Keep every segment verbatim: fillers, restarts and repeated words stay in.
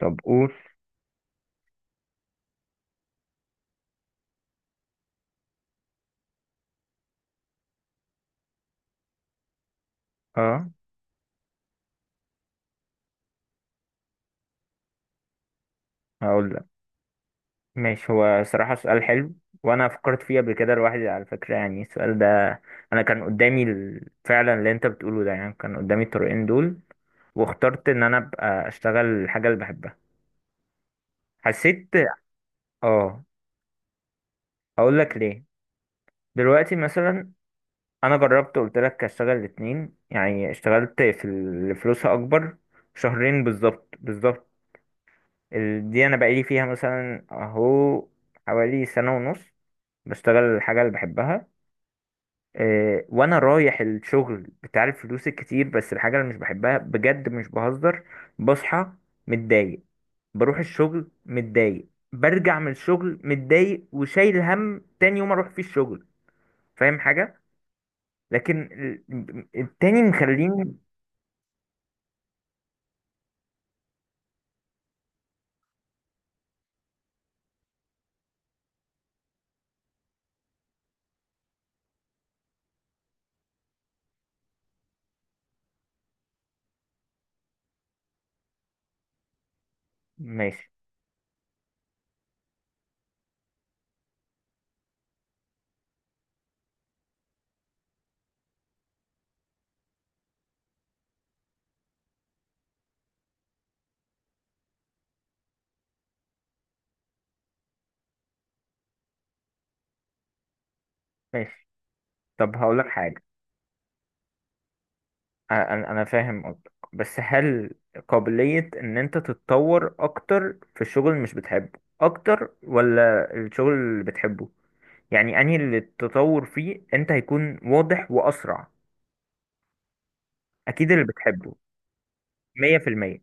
طب قول. اه، هقول لك، ماشي. هو صراحة سؤال حلو، وانا فكرت فيه قبل كده لوحدي على فكرة، يعني السؤال ده، انا كان قدامي ال- فعلا اللي انت بتقوله ده، يعني كان قدامي الطريقين دول، واخترت ان انا ابقى اشتغل الحاجة اللي بحبها. حسيت. اه، هقول لك ليه. دلوقتي مثلا انا جربت، قلت لك اشتغل الاتنين، يعني اشتغلت في اللي فلوسها اكبر شهرين بالظبط بالظبط. ال- دي انا بقالي فيها مثلا اهو حوالي سنة ونص بشتغل الحاجة اللي بحبها، آه، وانا رايح الشغل بتاع الفلوس الكتير، بس الحاجة اللي مش بحبها، بجد مش بهزر. بصحى متضايق، بروح الشغل متضايق، برجع من الشغل متضايق، وشايل هم تاني يوم اروح فيه الشغل. فاهم حاجة؟ لكن ال- التاني مخليني ماشي ماشي. طب هقولك حاجة. انا أنا فاهم قصدك، بس هل قابلية ان انت تتطور اكتر في الشغل اللي مش بتحبه اكتر، ولا الشغل اللي بتحبه؟ يعني انهي اللي التطور فيه انت هيكون واضح واسرع؟ اكيد اللي بتحبه، مية في المية.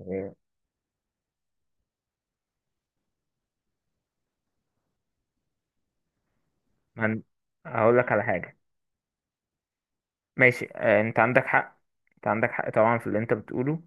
يعني هن... هقول لك على حاجة. ماشي، آه، انت عندك حق، انت عندك حق طبعا في اللي انت بتقوله،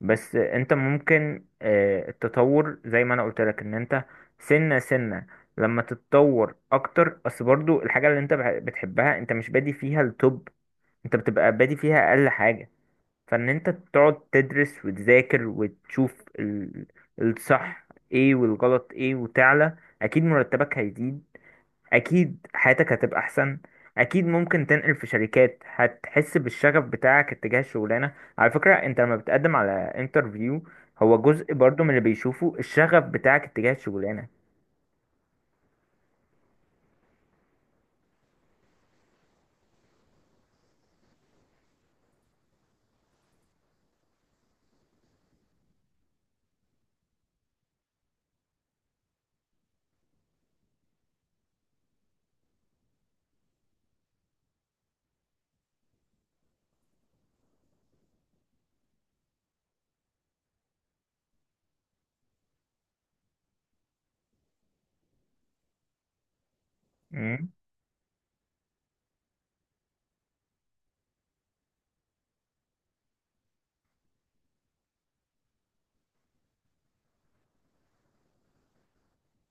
بس آه، انت ممكن آه، التطور زي ما انا قلت لك، ان انت سنة سنة لما تتطور اكتر، اصل برضو الحاجة اللي انت بح- بتحبها انت مش بادي فيها التوب، انت بتبقى بادي فيها اقل حاجة. فان انت تقعد تدرس وتذاكر وتشوف ال- الصح ايه والغلط ايه وتعلى، اكيد مرتبك هيزيد، اكيد حياتك هتبقى احسن، اكيد ممكن تنقل في شركات. هتحس بالشغف بتاعك اتجاه الشغلانه، على فكره، انت لما بتقدم على انترفيو هو جزء برضو من اللي بيشوفه الشغف بتاعك اتجاه الشغلانه. مم.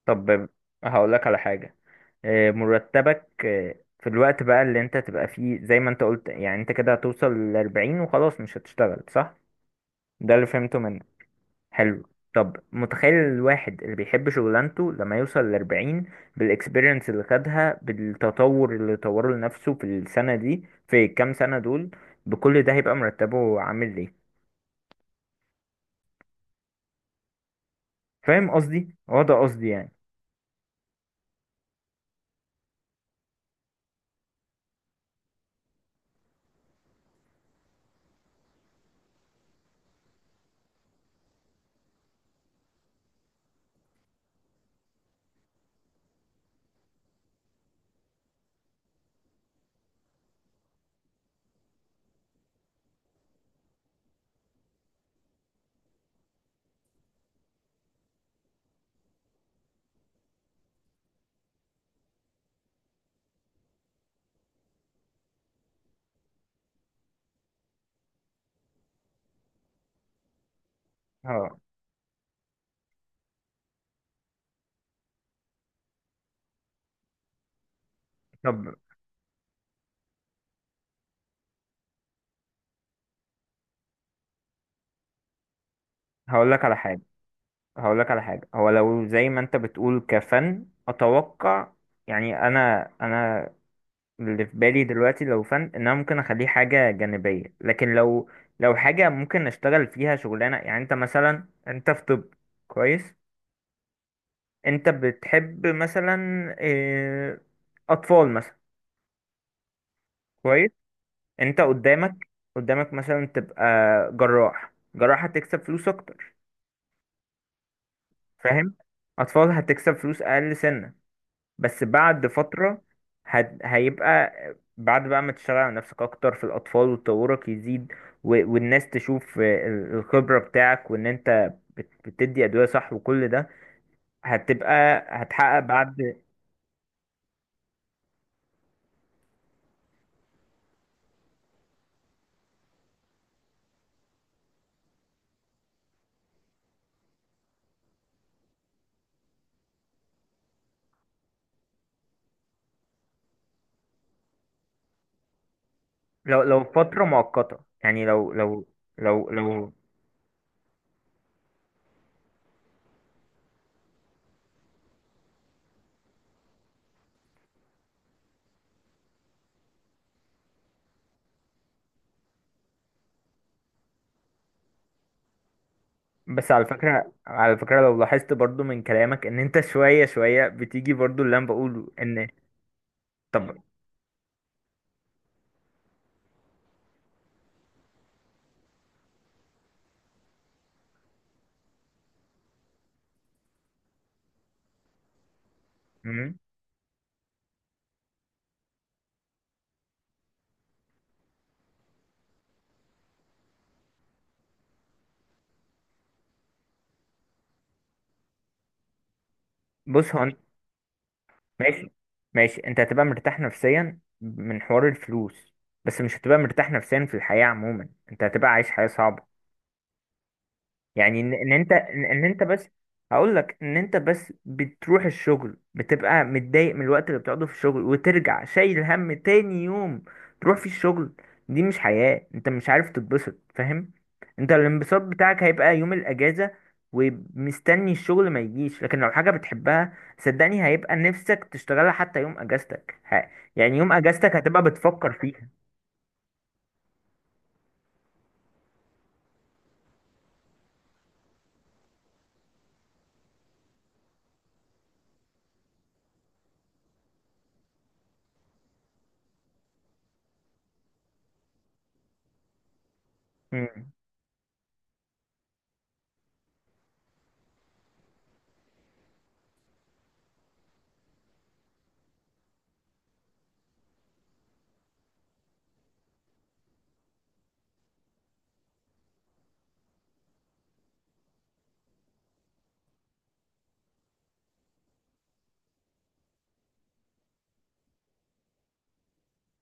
طب هقول لك على حاجه. آه، مرتبك آه، في الوقت بقى اللي انت تبقى فيه زي ما انت قلت، يعني انت كده هتوصل ل أربعين وخلاص مش هتشتغل، صح؟ ده اللي فهمته منك. حلو. طب متخيل الواحد اللي بيحب شغلانته لما يوصل لأربعين، بالإكسبيرينس اللي خدها، بالتطور اللي طوره لنفسه في السنة دي، في الكام سنة دول، بكل ده هيبقى مرتبه عامل ايه؟ فاهم قصدي؟ هو ده قصدي يعني. اه، طب هقول لك على حاجة، هقول لك على حاجة. هو لو زي ما انت بتقول كفن، اتوقع يعني انا انا اللي في بالي دلوقتي، لو فن، ان انا ممكن اخليه حاجه جانبيه، لكن لو لو حاجه ممكن اشتغل فيها شغلانه. يعني انت مثلا، انت في طب، كويس. انت بتحب مثلا آه، اطفال مثلا، كويس. انت قدامك، قدامك مثلا تبقى جراح، جراح هتكسب فلوس اكتر، فاهم؟ اطفال هتكسب فلوس اقل سنه، بس بعد فترة هت... هيبقى بعد بقى ما تشتغل على نفسك أكتر في الأطفال وتطورك يزيد، و... والناس تشوف ال- الخبرة بتاعك، وإن أنت بت... بتدي أدوية صح، وكل ده هتبقى هتحقق بعد لو لو فترة مؤقتة. يعني لو لو لو لو بس على فكرة، على فكرة لو لاحظت برضو من كلامك إن أنت شوية شوية بتيجي برضو اللي أنا بقوله إن... طب. مم. بص، هو ماشي، ماشي، انت هتبقى مرتاح نفسيا من حوار الفلوس، بس مش هتبقى مرتاح نفسيا في الحياة عموما. انت هتبقى عايش حياة صعبة، يعني ان ان انت ان إن انت بس هقول لك ان انت بس بتروح الشغل بتبقى متضايق من الوقت اللي بتقعده في الشغل، وترجع شايل هم تاني يوم تروح في الشغل. دي مش حياة، انت مش عارف تتبسط، فاهم؟ انت الانبساط بتاعك هيبقى يوم الاجازة، ومستني الشغل ما يجيش. لكن لو حاجة بتحبها، صدقني هيبقى نفسك تشتغلها حتى يوم اجازتك ه- يعني يوم اجازتك هتبقى بتفكر فيها. مم.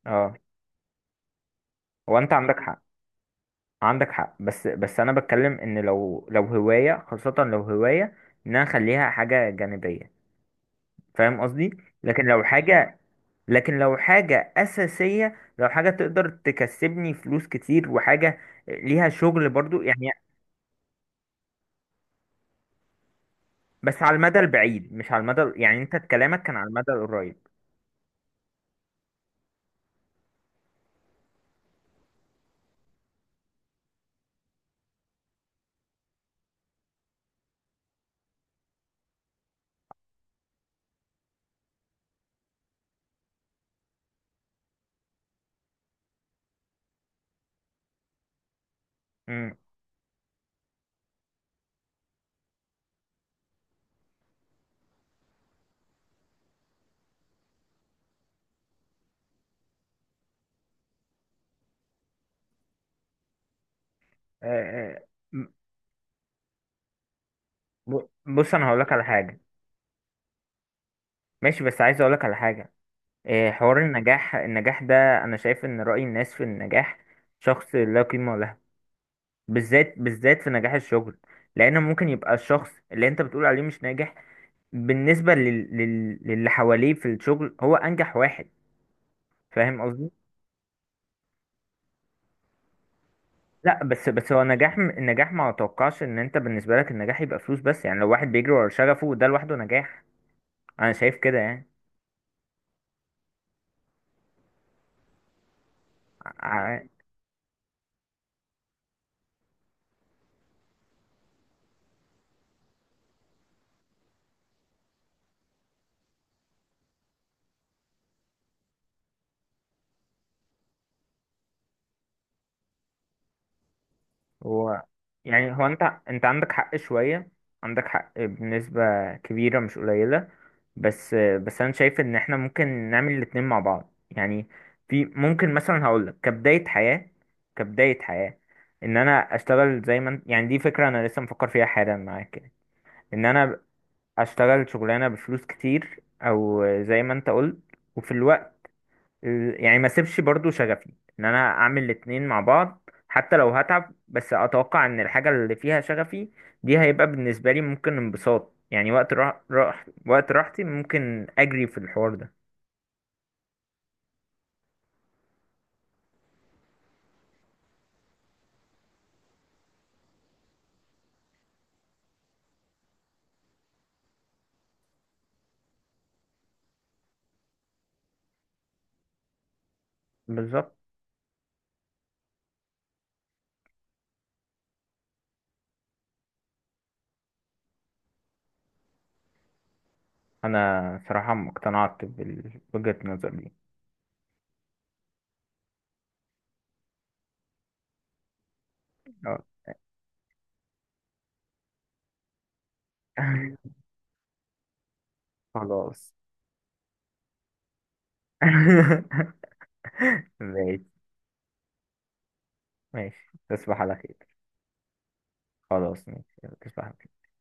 اه، هو انت عندك حق، عندك حق، بس بس انا بتكلم ان لو لو هوايه خاصه، لو هوايه ان انا اخليها حاجه جانبيه، فاهم قصدي؟ لكن لو حاجه، لكن لو حاجه اساسيه، لو حاجه تقدر تكسبني فلوس كتير وحاجه ليها شغل برضو يعني. بس على المدى البعيد، مش على المدى، يعني انت كلامك كان على المدى القريب. امم، آه، آه، ب- بص، انا هقولك على حاجه. ماشي، بس عايز اقولك على حاجه. آه، حوار النجاح، النجاح ده انا شايف ان رأي الناس في النجاح شخص لا قيمة له، بالذات بالذات في نجاح الشغل، لان ممكن يبقى الشخص اللي انت بتقول عليه مش ناجح بالنسبه لل... لل... للي حواليه في الشغل هو انجح واحد، فاهم قصدي؟ لا، بس بس هو نجاح م- النجاح، ما اتوقعش ان انت بالنسبه لك النجاح يبقى فلوس بس. يعني لو واحد بيجري ورا شغفه ده، لوحده نجاح، انا شايف كده. يعني هو، يعني هو انت، انت عندك حق شوية، عندك حق بنسبة كبيرة مش قليلة، بس بس انا شايف ان احنا ممكن نعمل الاتنين مع بعض يعني. في ممكن مثلا هقولك كبداية حياة، كبداية حياة ان انا اشتغل زي ما انت- يعني دي فكرة انا لسه مفكر فيها حالا معاك يعني، ان انا اشتغل شغلانة بفلوس كتير، او زي ما انت قلت، وفي الوقت ال- يعني ما سيبش برضو شغفي، ان انا اعمل الاتنين مع بعض حتى لو هتعب. بس اتوقع ان الحاجة اللي فيها شغفي دي هيبقى بالنسبة لي ممكن انبساط، يعني وقت راح راح وقت راحتي ممكن اجري في الحوار ده. بالظبط. انا صراحة اقتنعت بوجهة النظر دي، آه. خلاص. ماشي، ماشي، تصبح على خير. خلاص، ماشي، يلا، تصبح.